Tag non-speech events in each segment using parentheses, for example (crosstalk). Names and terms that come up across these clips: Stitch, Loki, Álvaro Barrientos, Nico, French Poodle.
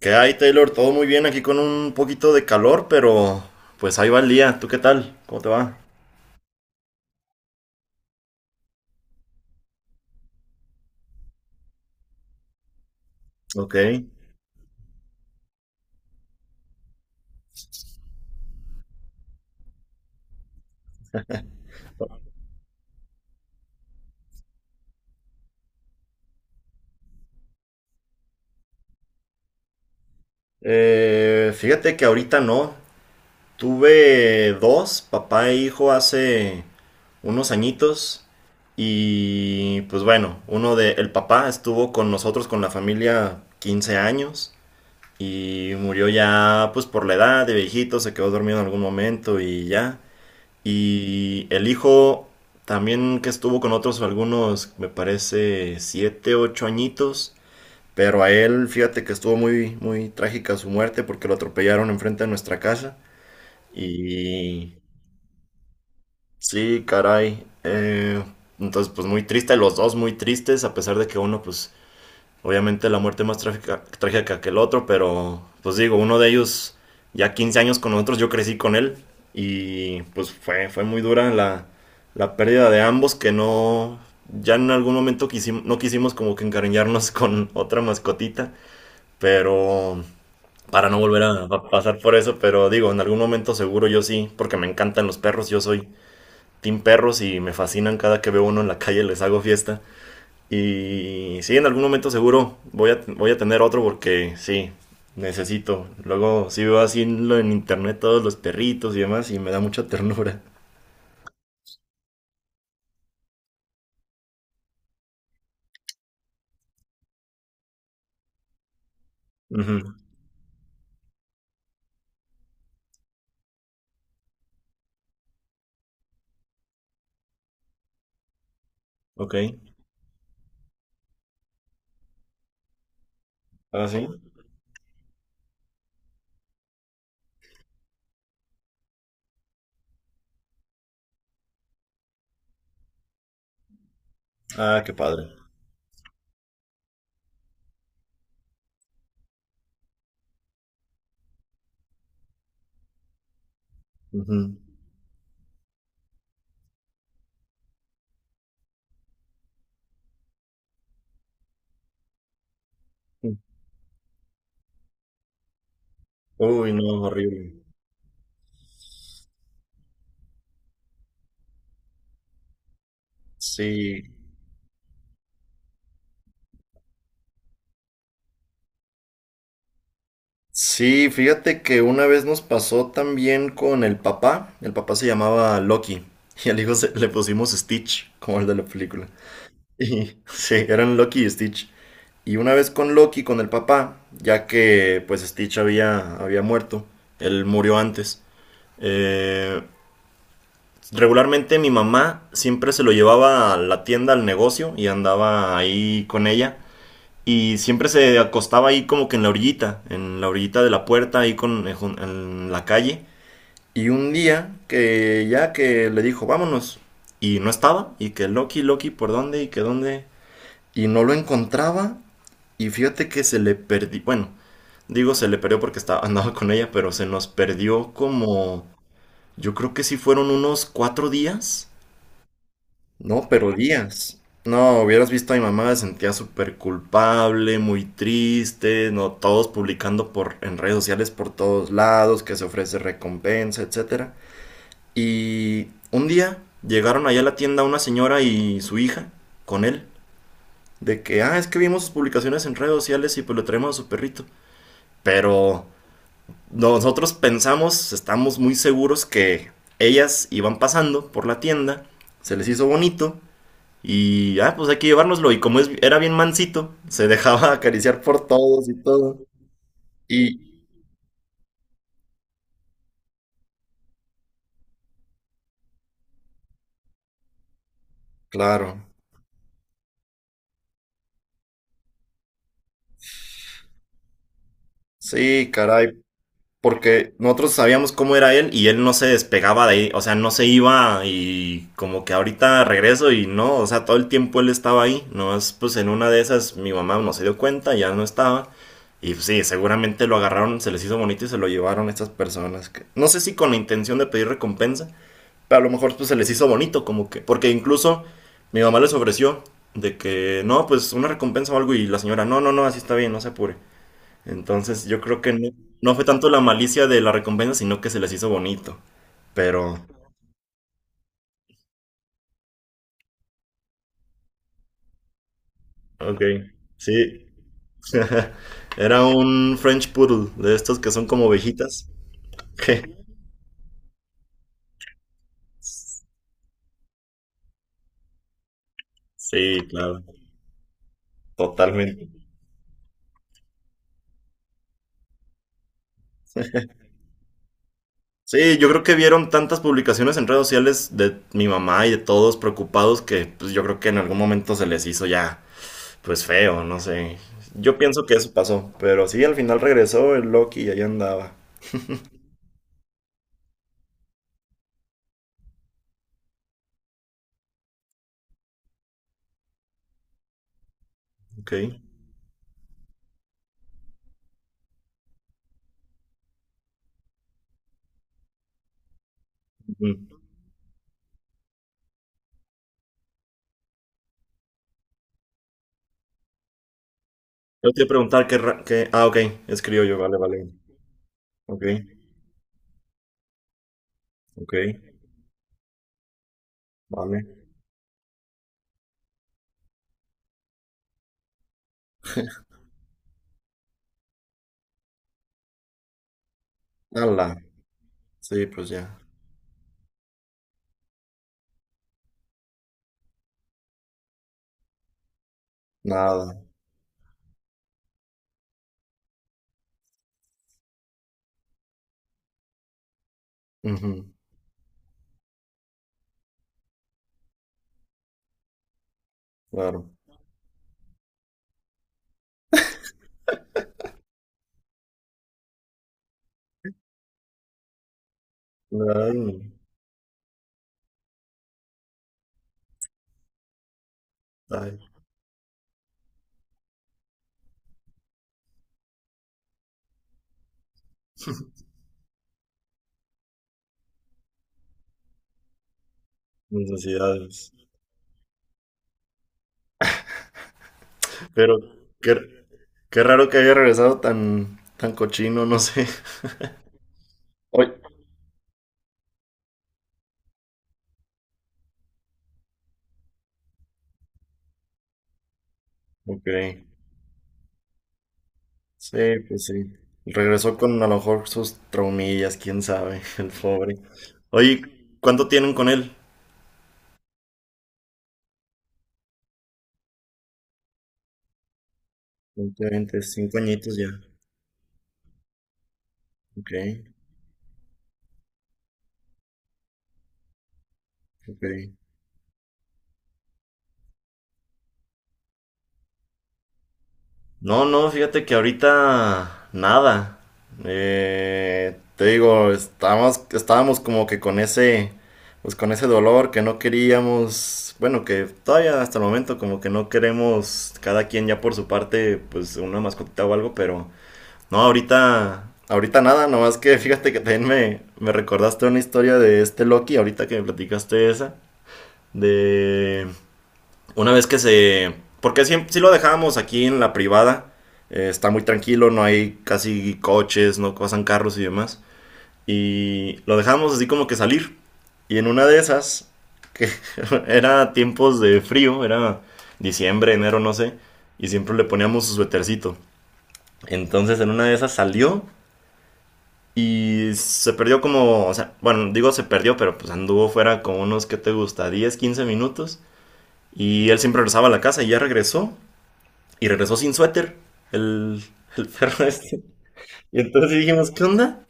¿Qué hay, Taylor? Todo muy bien aquí con un poquito de calor, pero pues ahí va el día. ¿Tú qué tal? ¿Cómo te va? Ok. Fíjate que ahorita no. Tuve dos, papá e hijo, hace unos añitos. Y pues bueno, uno de el papá estuvo con nosotros, con la familia, 15 años. Y murió ya, pues por la edad de viejito, se quedó dormido en algún momento y ya. Y el hijo también que estuvo con otros algunos, me parece, 7, 8 añitos. Pero a él, fíjate que estuvo muy, muy trágica su muerte porque lo atropellaron enfrente de nuestra casa. Y sí, caray. Entonces, pues muy triste, los dos muy tristes, a pesar de que uno, pues obviamente la muerte más trágica, trágica que el otro, pero pues digo, uno de ellos ya 15 años con nosotros, yo crecí con él y pues fue muy dura la pérdida de ambos que no, ya en algún momento quisimos no quisimos como que encariñarnos (laughs) con otra mascotita, pero para no volver a pasar por eso, pero digo, en algún momento seguro yo sí, porque me encantan los perros, yo soy team perros y me fascinan cada que veo uno en la calle, les hago fiesta. Y sí, en algún momento seguro voy a tener otro porque sí, necesito. Luego sí veo así en internet todos los perritos y demás y me da mucha ternura. Ujú. Ok. Ah, sí. Ah, qué padre. Ujú. Uy, no, horrible. Sí. Sí, fíjate que una vez nos pasó también con el papá. El papá se llamaba Loki y al hijo le pusimos Stitch, como el de la película. (laughs) Y sí, eran Loki y Stitch. Y una vez con Loki, con el papá, ya que pues Stitch había muerto, él murió antes. Eh, regularmente mi mamá siempre se lo llevaba a la tienda, al negocio, y andaba ahí con ella. Y siempre se acostaba ahí como que en la orillita de la puerta, ahí en la calle. Y un día que ya que le dijo, vámonos, y no estaba, y que Loki, Loki, ¿por dónde? Y que dónde. Y no lo encontraba, y fíjate que se le perdió, bueno, digo, se le perdió porque estaba, (laughs) andaba con ella, pero se nos perdió como. Yo creo que sí fueron unos 4 días. No, pero días. No, hubieras visto a mi mamá, se sentía súper culpable, muy triste, no, todos publicando en redes sociales por todos lados, que se ofrece recompensa, etcétera. Y un día llegaron allá a la tienda una señora y su hija con él, de que, ah, es que vimos sus publicaciones en redes sociales y pues le traemos a su perrito. Pero nosotros pensamos, estamos muy seguros que ellas iban pasando por la tienda, se les hizo bonito y, ah, pues hay que llevárnoslo. Y como era bien mansito, se dejaba (laughs) acariciar por todos y todo. Y, claro, sí, caray, porque nosotros sabíamos cómo era él y él no se despegaba de ahí, o sea, no se iba y como que ahorita regreso y no, o sea, todo el tiempo él estaba ahí, no es pues en una de esas mi mamá no se dio cuenta, ya no estaba y pues, sí, seguramente lo agarraron, se les hizo bonito y se lo llevaron estas personas que no sé si con la intención de pedir recompensa, pero a lo mejor pues se les hizo bonito como que porque incluso mi mamá les ofreció de que no, pues una recompensa o algo y la señora no, no, no, así está bien, no se apure. Entonces yo creo que no, no fue tanto la malicia de la recompensa, sino que se les hizo bonito. Pero, ok, sí. (laughs) Era un French Poodle, de estos que son como ovejitas. (laughs) Sí, claro, totalmente. Sí, yo creo que vieron tantas publicaciones en redes sociales de mi mamá y de todos preocupados que pues yo creo que en algún momento se les hizo ya pues feo, no sé. Yo pienso que eso pasó, pero sí, al final regresó el Loki y ahí andaba. Ok. Yo te iba a preguntar qué, Ah, ok, es criollo, vale, vale. Ok, ok, vale. Ala, sí, pues ya. Nada. Ujú, claro. Ay, ay, necesidades. Pero qué, qué raro que haya regresado tan, tan cochino, no sé. Oye. Ok, sí, pues sí. Regresó con a lo mejor sus traumillas, quién sabe, (laughs) el pobre. Oye, ¿cuánto tienen con él? 20, 25 añitos ya. Ok, ok. No, no, fíjate que ahorita nada. Te digo, estábamos como que con ese, pues con ese dolor que no queríamos, bueno, que todavía hasta el momento como que no queremos cada quien ya por su parte, pues una mascotita o algo, pero no, ahorita, ahorita nada, nomás que fíjate que también me recordaste una historia de este Loki, ahorita que me platicaste esa, de una vez que se. Porque si lo dejábamos aquí en la privada, está muy tranquilo, no hay casi coches, no pasan carros y demás. Y lo dejábamos así como que salir. Y en una de esas, que (laughs) era tiempos de frío, era diciembre, enero, no sé, y siempre le poníamos su suetercito. Entonces en una de esas salió y se perdió como, o sea, bueno, digo se perdió, pero pues anduvo fuera como unos, ¿qué te gusta? 10 15 minutos. Y él siempre regresaba a la casa y ya regresó. Y regresó sin suéter el, el perro este. Y entonces sí dijimos, ¿qué onda?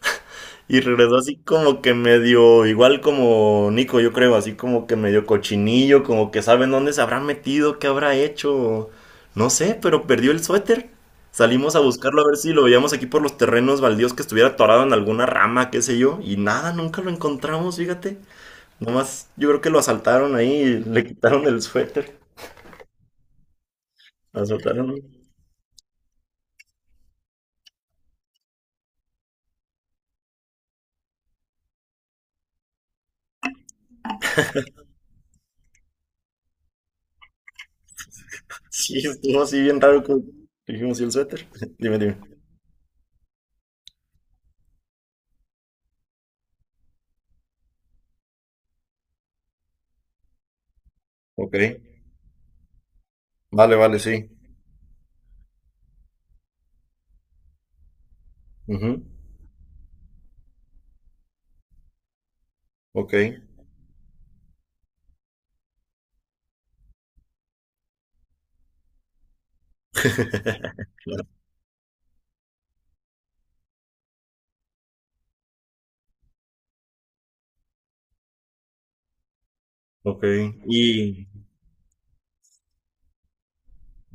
Y regresó así como que medio, igual como Nico, yo creo, así como que medio cochinillo, como que saben dónde se habrá metido, qué habrá hecho. No sé, pero perdió el suéter. Salimos a buscarlo a ver si lo veíamos aquí por los terrenos baldíos que estuviera atorado en alguna rama, qué sé yo. Y nada, nunca lo encontramos, fíjate. Nomás yo creo que lo asaltaron ahí y le quitaron el suéter. Asaltaron. Sí, estuvo así bien raro que dijimos, ¿y el suéter? (laughs) Dime, dime. Ok, vale, vale, sí. Ujú. Ok, (laughs) ok. Y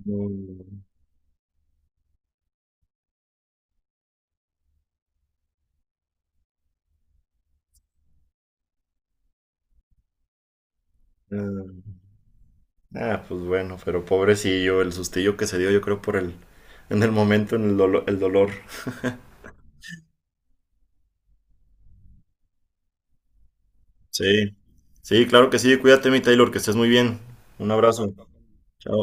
mm, ah, ah, pues bueno, pero pobrecillo, el sustillo que se dio, yo creo, por el. En el momento, en el dolor. Sí, sí, claro que sí, cuídate, mi Taylor, que estés muy bien. Un abrazo. Chao.